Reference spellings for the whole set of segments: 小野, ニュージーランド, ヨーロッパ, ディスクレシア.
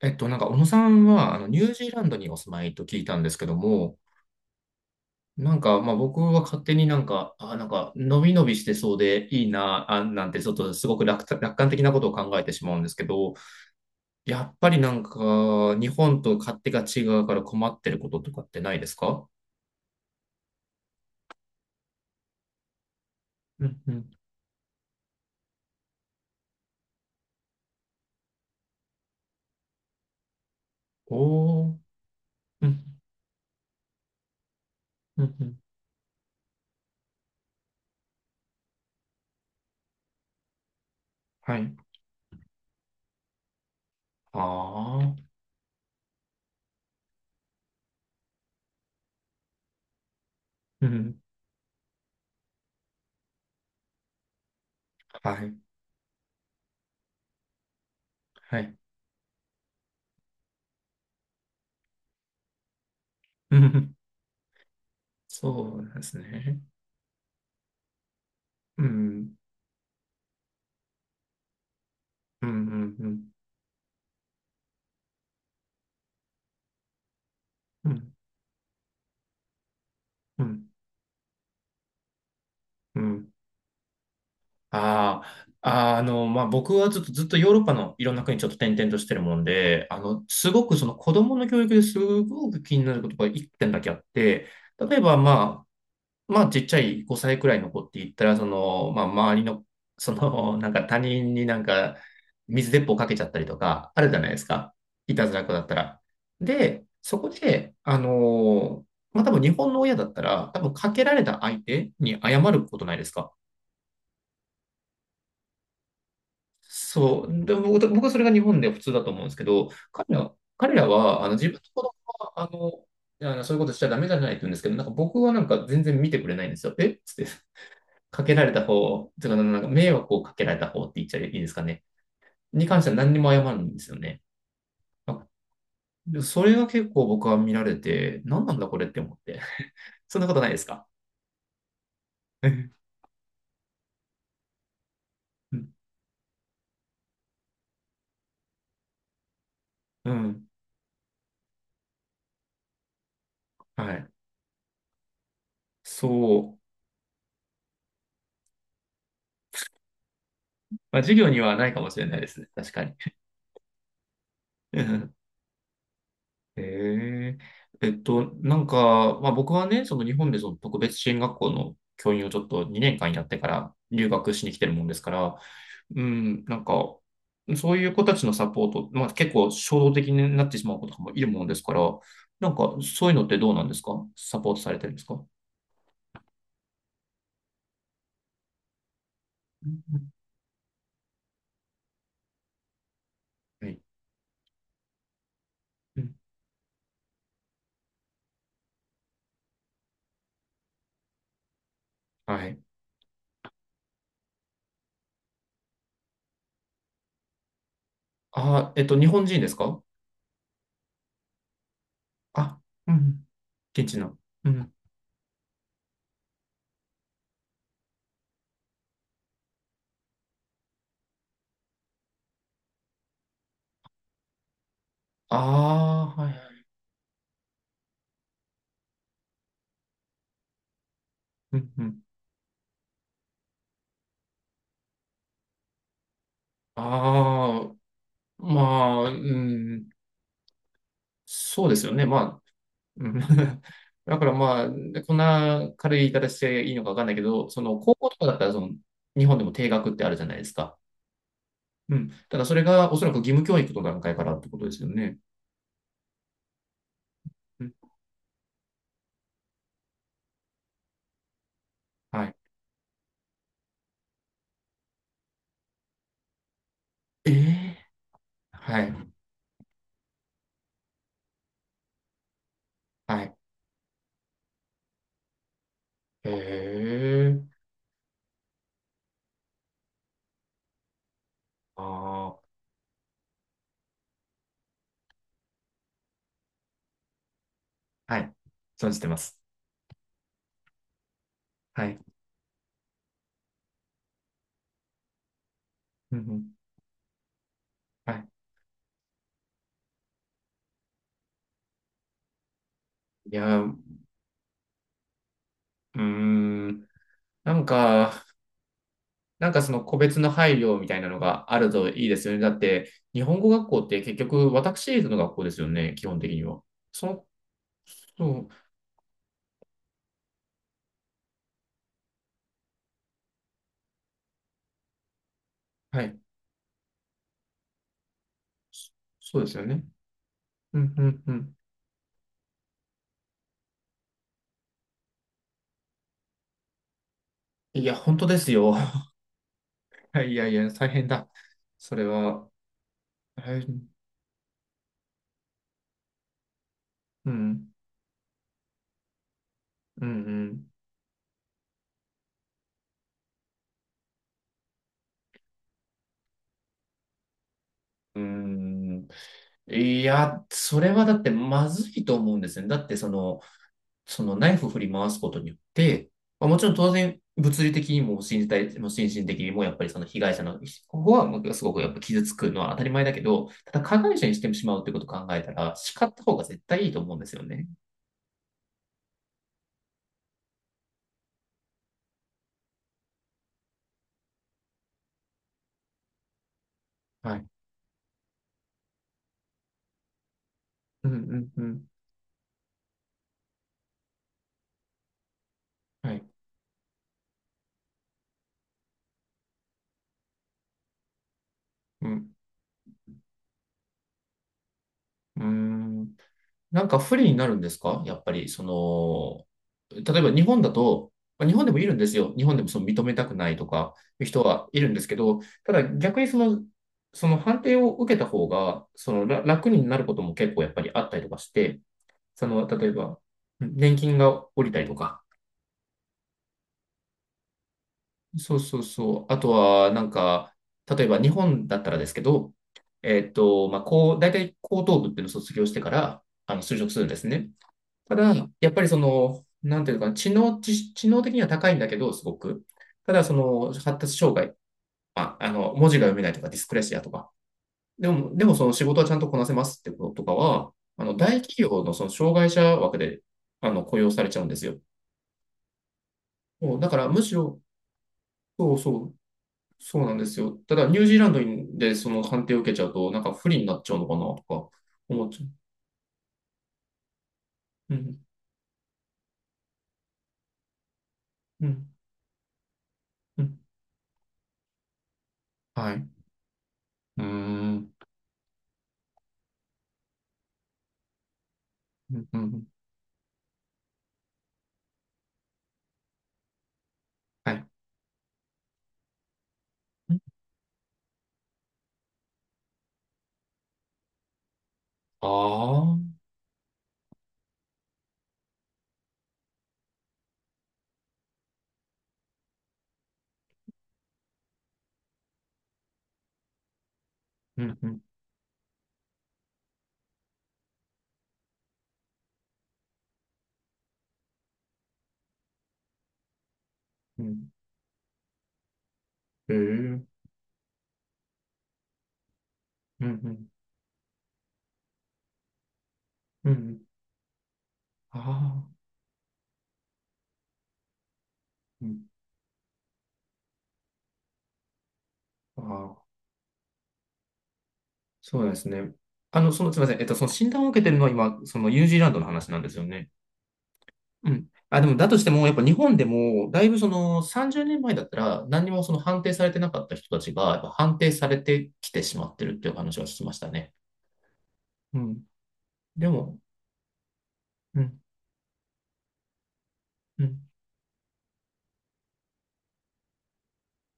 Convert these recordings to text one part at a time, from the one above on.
小野さんは、ニュージーランドにお住まいと聞いたんですけども、まあ、僕は勝手にのびのびしてそうでいいなあ、なんて、ちょっとすごく楽観的なことを考えてしまうんですけど、やっぱり日本と勝手が違うから困ってることとかってないですか？うん、うん。おー。うん、うん、うん。はい。ああ。うん。はい。はい。うん。そうなんですね。うん。うん、うん、うん。うん、うん。うん。ああ、あの、まあ、僕はずっと、ずっとヨーロッパのいろんな国ちょっと転々としてるもんで、あの、すごくその子供の教育ですごく気になることが一点だけあって、例えば、まあ、ちっちゃい5歳くらいの子って言ったら、その、まあ、周りの、その、なんか他人になんか水鉄砲かけちゃったりとか、あるじゃないですか。いたずらっ子だったら。で、そこで、まあ、多分日本の親だったら、多分かけられた相手に謝ることないですか？そう。で、僕はそれが日本で普通だと思うんですけど、彼らは、あの、自分の子供は、あの、そういうことしちゃダメじゃないって言うんですけど、なんか僕はなんか全然見てくれないんですよ。えっつって、かけられた方、つうか、なんか迷惑をかけられた方って言っちゃいいですかね。に関しては何にも謝るんですよね。あ。でそれが結構僕は見られて、何なんだこれって思って。そんなことないですか？ うん、うん。はい。そう。まあ、授業にはないかもしれないですね。確かに。うん。へえ。まあ、僕はね、その日本でその特別支援学校の教員をちょっと2年間やってから留学しに来てるもんですから、うん、なんか、そういう子たちのサポート、まあ、結構衝動的になってしまう子とかもいるもんですから、なんか、そういうのってどうなんですか？サポートされてるんですか？うん、はい。うん、はい。あー、えっと、日本人ですか？あ、うん。現地の。うん。ああ、はい、はい。うん、うん。ああ、まあ、うん。そうですよね。まあ、うん。 だからまあ、こんな軽い言い方していいのかわかんないけど、その高校とかだったらその日本でも定額ってあるじゃないですか。うん。ただそれがおそらく義務教育の段階からってことですよね。うん。はい。ええ。はい。はい。ええ。ああ。はい。存じてます。はい。うん、うん。はい。いや、うーん。なんか、なんかその個別の配慮みたいなのがあるといいですよね。だって、日本語学校って結局、私立の学校ですよね、基本的には。その、そう、はい、そうですよね。うん、うん、うん。いや、本当ですよ。はい、いやいや、大変だ。それは、はい、うん、うん、うん。うーん。いや、それはだってまずいと思うんですよね。だってその、そのナイフを振り回すことによって、まあ、もちろん当然物理的にも身体、心身的にもやっぱりその被害者の、ここはすごくやっぱ傷つくのは当たり前だけど、ただ加害者にしてしまうということを考えたら、叱った方が絶対いいと思うんですよね。はい。うん、うん、うん。はい。うん。うーん。なんか不利になるんですか、やっぱり？その、例えば日本だと、まあ日本でもいるんですよ。日本でもその認めたくないとかいう人はいるんですけど、ただ逆にその、その判定を受けた方が、そのら楽になることも結構やっぱりあったりとかして、その、例えば、年金が下りたりとか、そう、そう、そう。あとは、なんか、例えば日本だったらですけど、えっと、まあ、こう、大体高等部っていうのを卒業してから、あの、就職するんですね。ただ、やっぱりその、なんていうか知能的には高いんだけど、すごく。ただ、その、発達障害、まあ、あの、文字が読めないとか、ディスクレシアとか。でも、でもその仕事はちゃんとこなせますってこととかは、あの、大企業のその障害者枠で、あの、雇用されちゃうんですよ。もうだから、むしろ、そうそう、そうなんですよ。ただ、ニュージーランドにでその判定を受けちゃうと、なんか不利になっちゃうのかな、とか、思っちゃう。うん、うん、うん。はい。うーん、うん、うん。はい。ああ。うん、うん、うん。ええ、うん。うん、うん。ああ、うん。ああ、そうですね。あの、その、すみません。えっと、その診断を受けてるのは今、そのニュージーランドの話なんですよね。うん。あ、でも、だとしても、やっぱ日本でも、だいぶその30年前だったら、何にもその判定されてなかった人たちが、やっぱ判定されてきてしまってるっていう話は聞きましたね。うん。でも、うん、うん。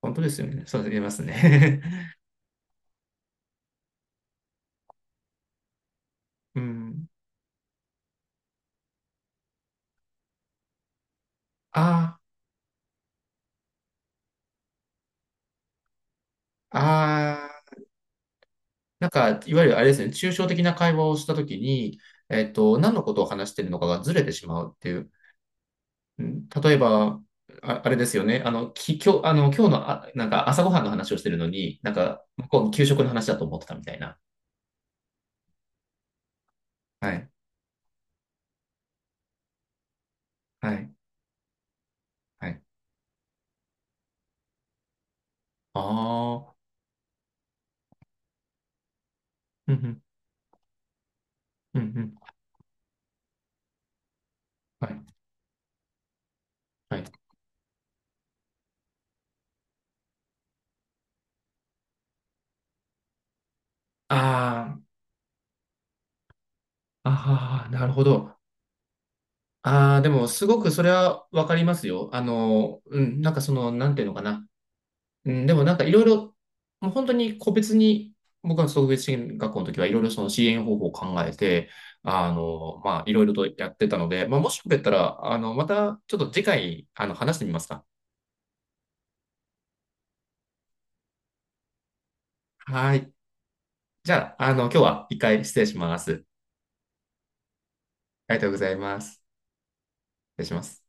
本当ですよね。そうです、言えますね。うん。ああ、ああ。なんか、いわゆるあれですね、抽象的な会話をしたときに、えっと、何のことを話しているのかがずれてしまうっていう。うん。例えば、あ、あれですよね、あの、今日、あの、今日の、あ、なんか朝ごはんの話をしてるのに、なんか、向こう、給食の話だと思ってたみたいな。はい、はい、はい。ああ、うん、うん、うん、うん。はい、はい。あ。ああー、なるほど。ああ、でも、すごくそれはわかりますよ。あの、うん、なんかその、なんていうのかな。うん、でもなんかいろいろ、もう本当に個別に、僕は特別支援学校の時はいろいろその支援方法を考えて、あの、まあ、いろいろとやってたので、まあ、もしよかったら、あの、またちょっと次回、あの、話してみますか。はい。じゃあ、あの、今日は一回失礼します。ありがとうございます。失礼します。